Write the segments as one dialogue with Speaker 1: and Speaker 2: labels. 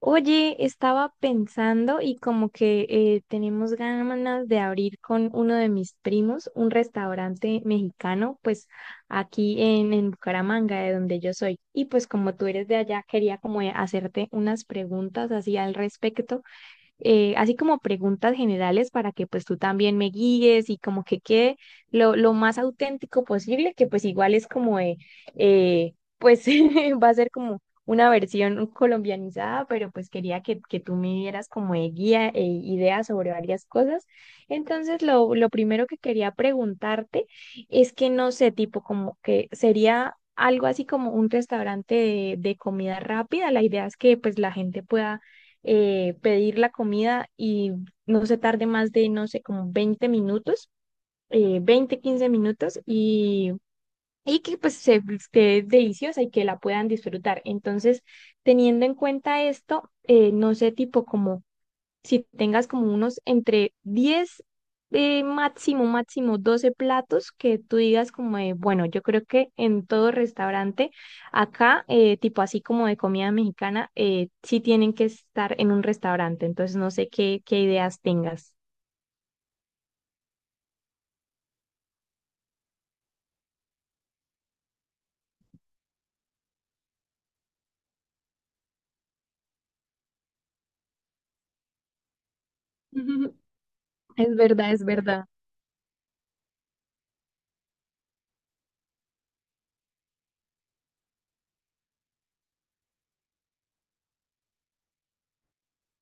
Speaker 1: Oye, estaba pensando y como que tenemos ganas de abrir con uno de mis primos un restaurante mexicano, pues aquí en Bucaramanga, de donde yo soy. Y pues como tú eres de allá, quería como hacerte unas preguntas así al respecto, así como preguntas generales para que pues tú también me guíes y como que quede lo más auténtico posible, que pues igual es pues va a ser como una versión colombianizada, pero pues quería que tú me dieras como de guía e ideas sobre varias cosas. Entonces, lo primero que quería preguntarte es que no sé, tipo como que sería algo así como un restaurante de comida rápida. La idea es que pues la gente pueda pedir la comida y no se tarde más de, no sé, como 20 minutos, 20, 15 minutos, y que pues se esté deliciosa y que la puedan disfrutar. Entonces, teniendo en cuenta esto, no sé, tipo como si tengas como unos entre 10, máximo, máximo 12 platos que tú digas como de, bueno, yo creo que en todo restaurante acá, tipo así como de comida mexicana, sí tienen que estar en un restaurante. Entonces no sé qué ideas tengas. Es verdad, es verdad.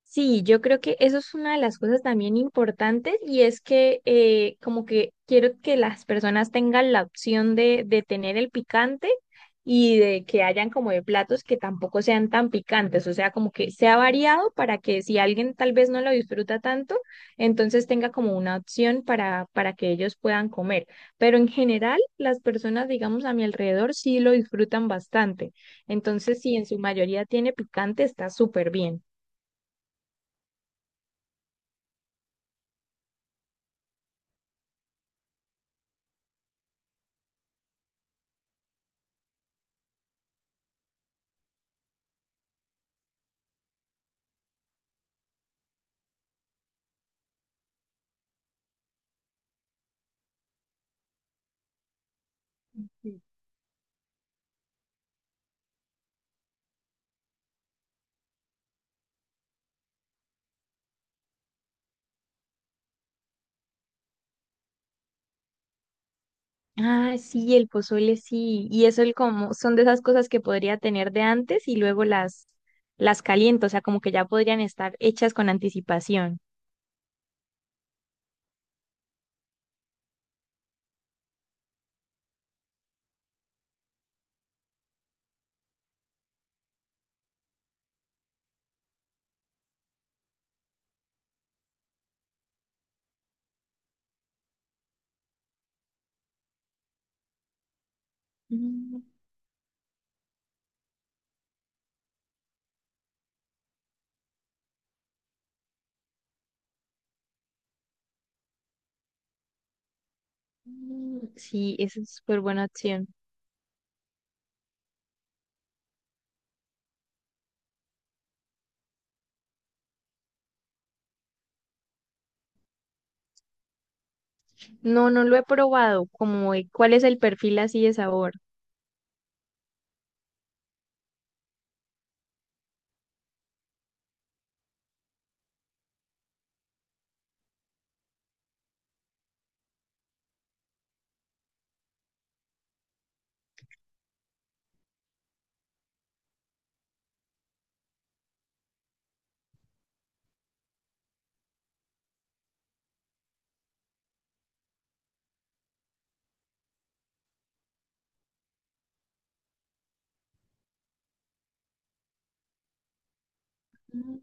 Speaker 1: Sí, yo creo que eso es una de las cosas también importantes y es que como que quiero que las personas tengan la opción de tener el picante y de que hayan como de platos que tampoco sean tan picantes, o sea, como que sea variado para que si alguien tal vez no lo disfruta tanto, entonces tenga como una opción para que ellos puedan comer. Pero en general, las personas, digamos, a mi alrededor sí lo disfrutan bastante. Entonces, si en su mayoría tiene picante, está súper bien. Ah, sí, el pozole sí. Y eso el como son de esas cosas que podría tener de antes y luego las caliento, o sea, como que ya podrían estar hechas con anticipación. Mm, mm, sí, esa es súper buena opción. No, no lo he probado, como de- cuál es el perfil así de sabor. Mm.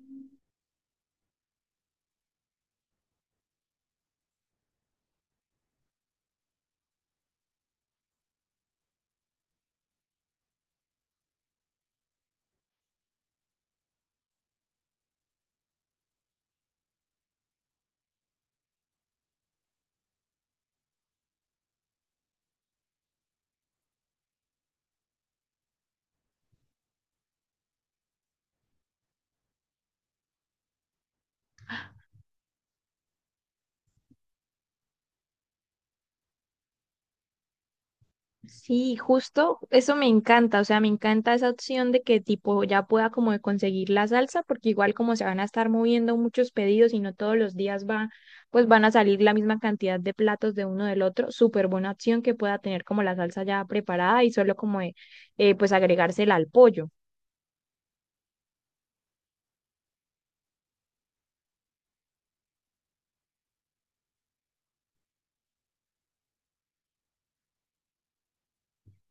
Speaker 1: Sí, justo, eso me encanta, o sea, me encanta esa opción de que tipo ya pueda como de conseguir la salsa, porque igual como se van a estar moviendo muchos pedidos y no todos los días va, pues van a salir la misma cantidad de platos de uno del otro, súper buena opción que pueda tener como la salsa ya preparada y solo como de, pues agregársela al pollo.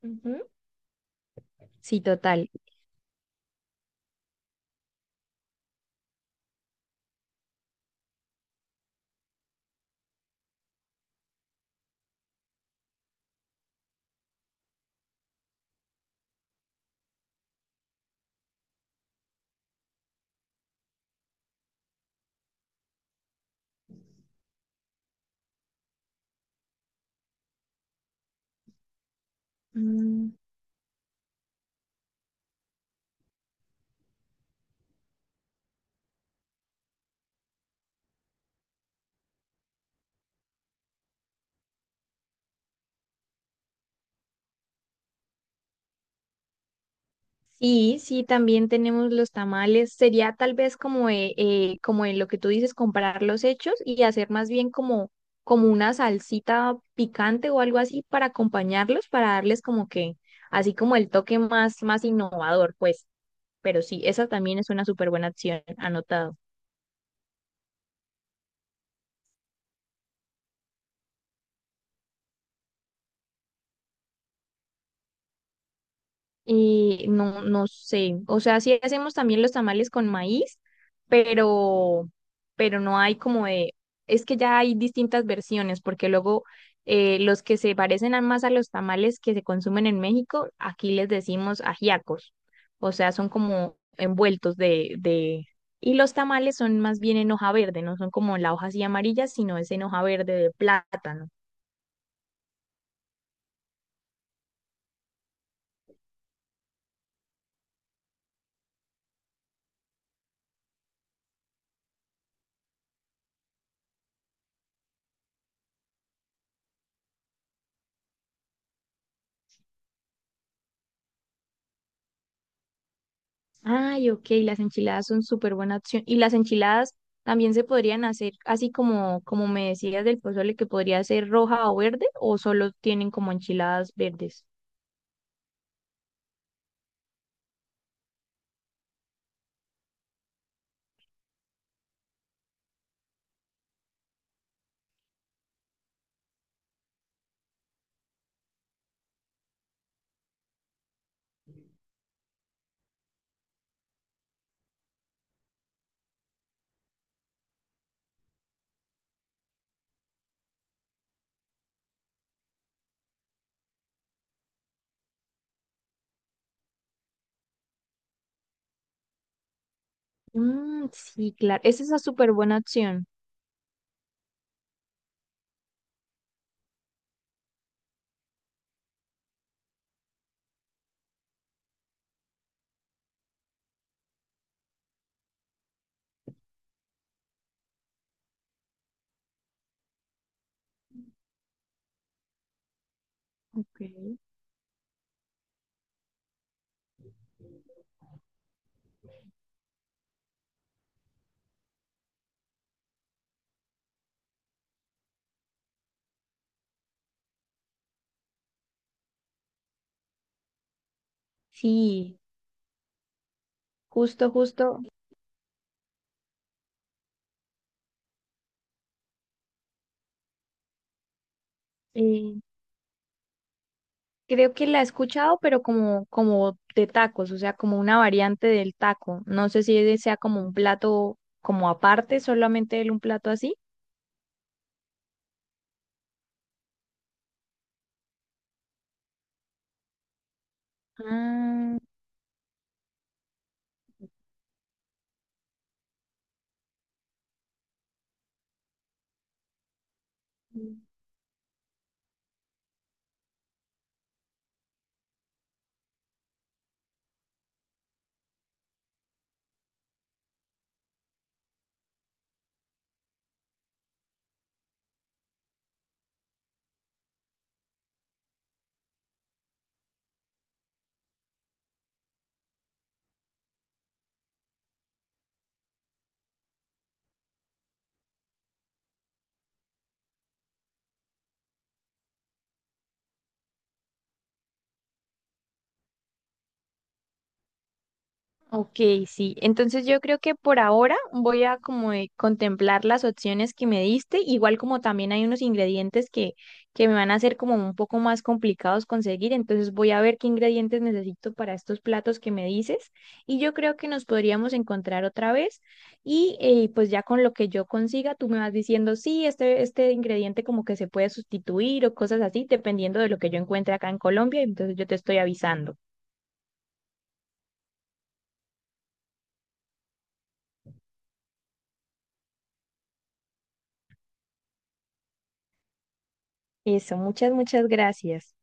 Speaker 1: Ujú. Sí, total. Mm, sí, sí, también tenemos los tamales. Sería tal vez como, como en lo que tú dices, comparar los hechos y hacer más bien como, como una salsita picante o algo así para acompañarlos, para darles como que, así como el toque más, más innovador, pues. Pero sí, esa también es una súper buena opción, anotado. Y no, no sé, o sea, sí hacemos también los tamales con maíz, pero, pero no hay como de, es que ya hay distintas versiones, porque luego los que se parecen a- más a los tamales que se consumen en México, aquí les decimos ajiacos, o sea, son como envueltos y los tamales son más bien en hoja verde, no son como la hoja así amarilla, sino es en hoja verde de plátano. Ay, ok, las enchiladas son súper buena opción. Y las enchiladas también se podrían hacer así como, como me decías del pozole, que podría ser roja o verde, o solo tienen como enchiladas verdes. Mm, sí, claro, esa es una súper buena opción. Ok. Sí, justo, justo. Eh, creo que la he escuchado, pero como, como de tacos, o sea, como una variante del taco. No sé si ese sea como un plato como aparte, solamente el- un plato así. Ah. Mm. Ok, sí. Entonces yo creo que por ahora voy a como contemplar las opciones que me diste, igual como también hay unos ingredientes que me van a hacer como un poco más complicados conseguir, entonces voy a ver qué ingredientes necesito para estos platos que me dices y yo creo que nos podríamos encontrar otra vez y pues ya con lo que yo consiga tú me vas diciendo, sí, este ingrediente como que se puede sustituir o cosas así, dependiendo de lo que yo encuentre acá en Colombia, entonces yo te estoy avisando. Eso, muchas, muchas gracias.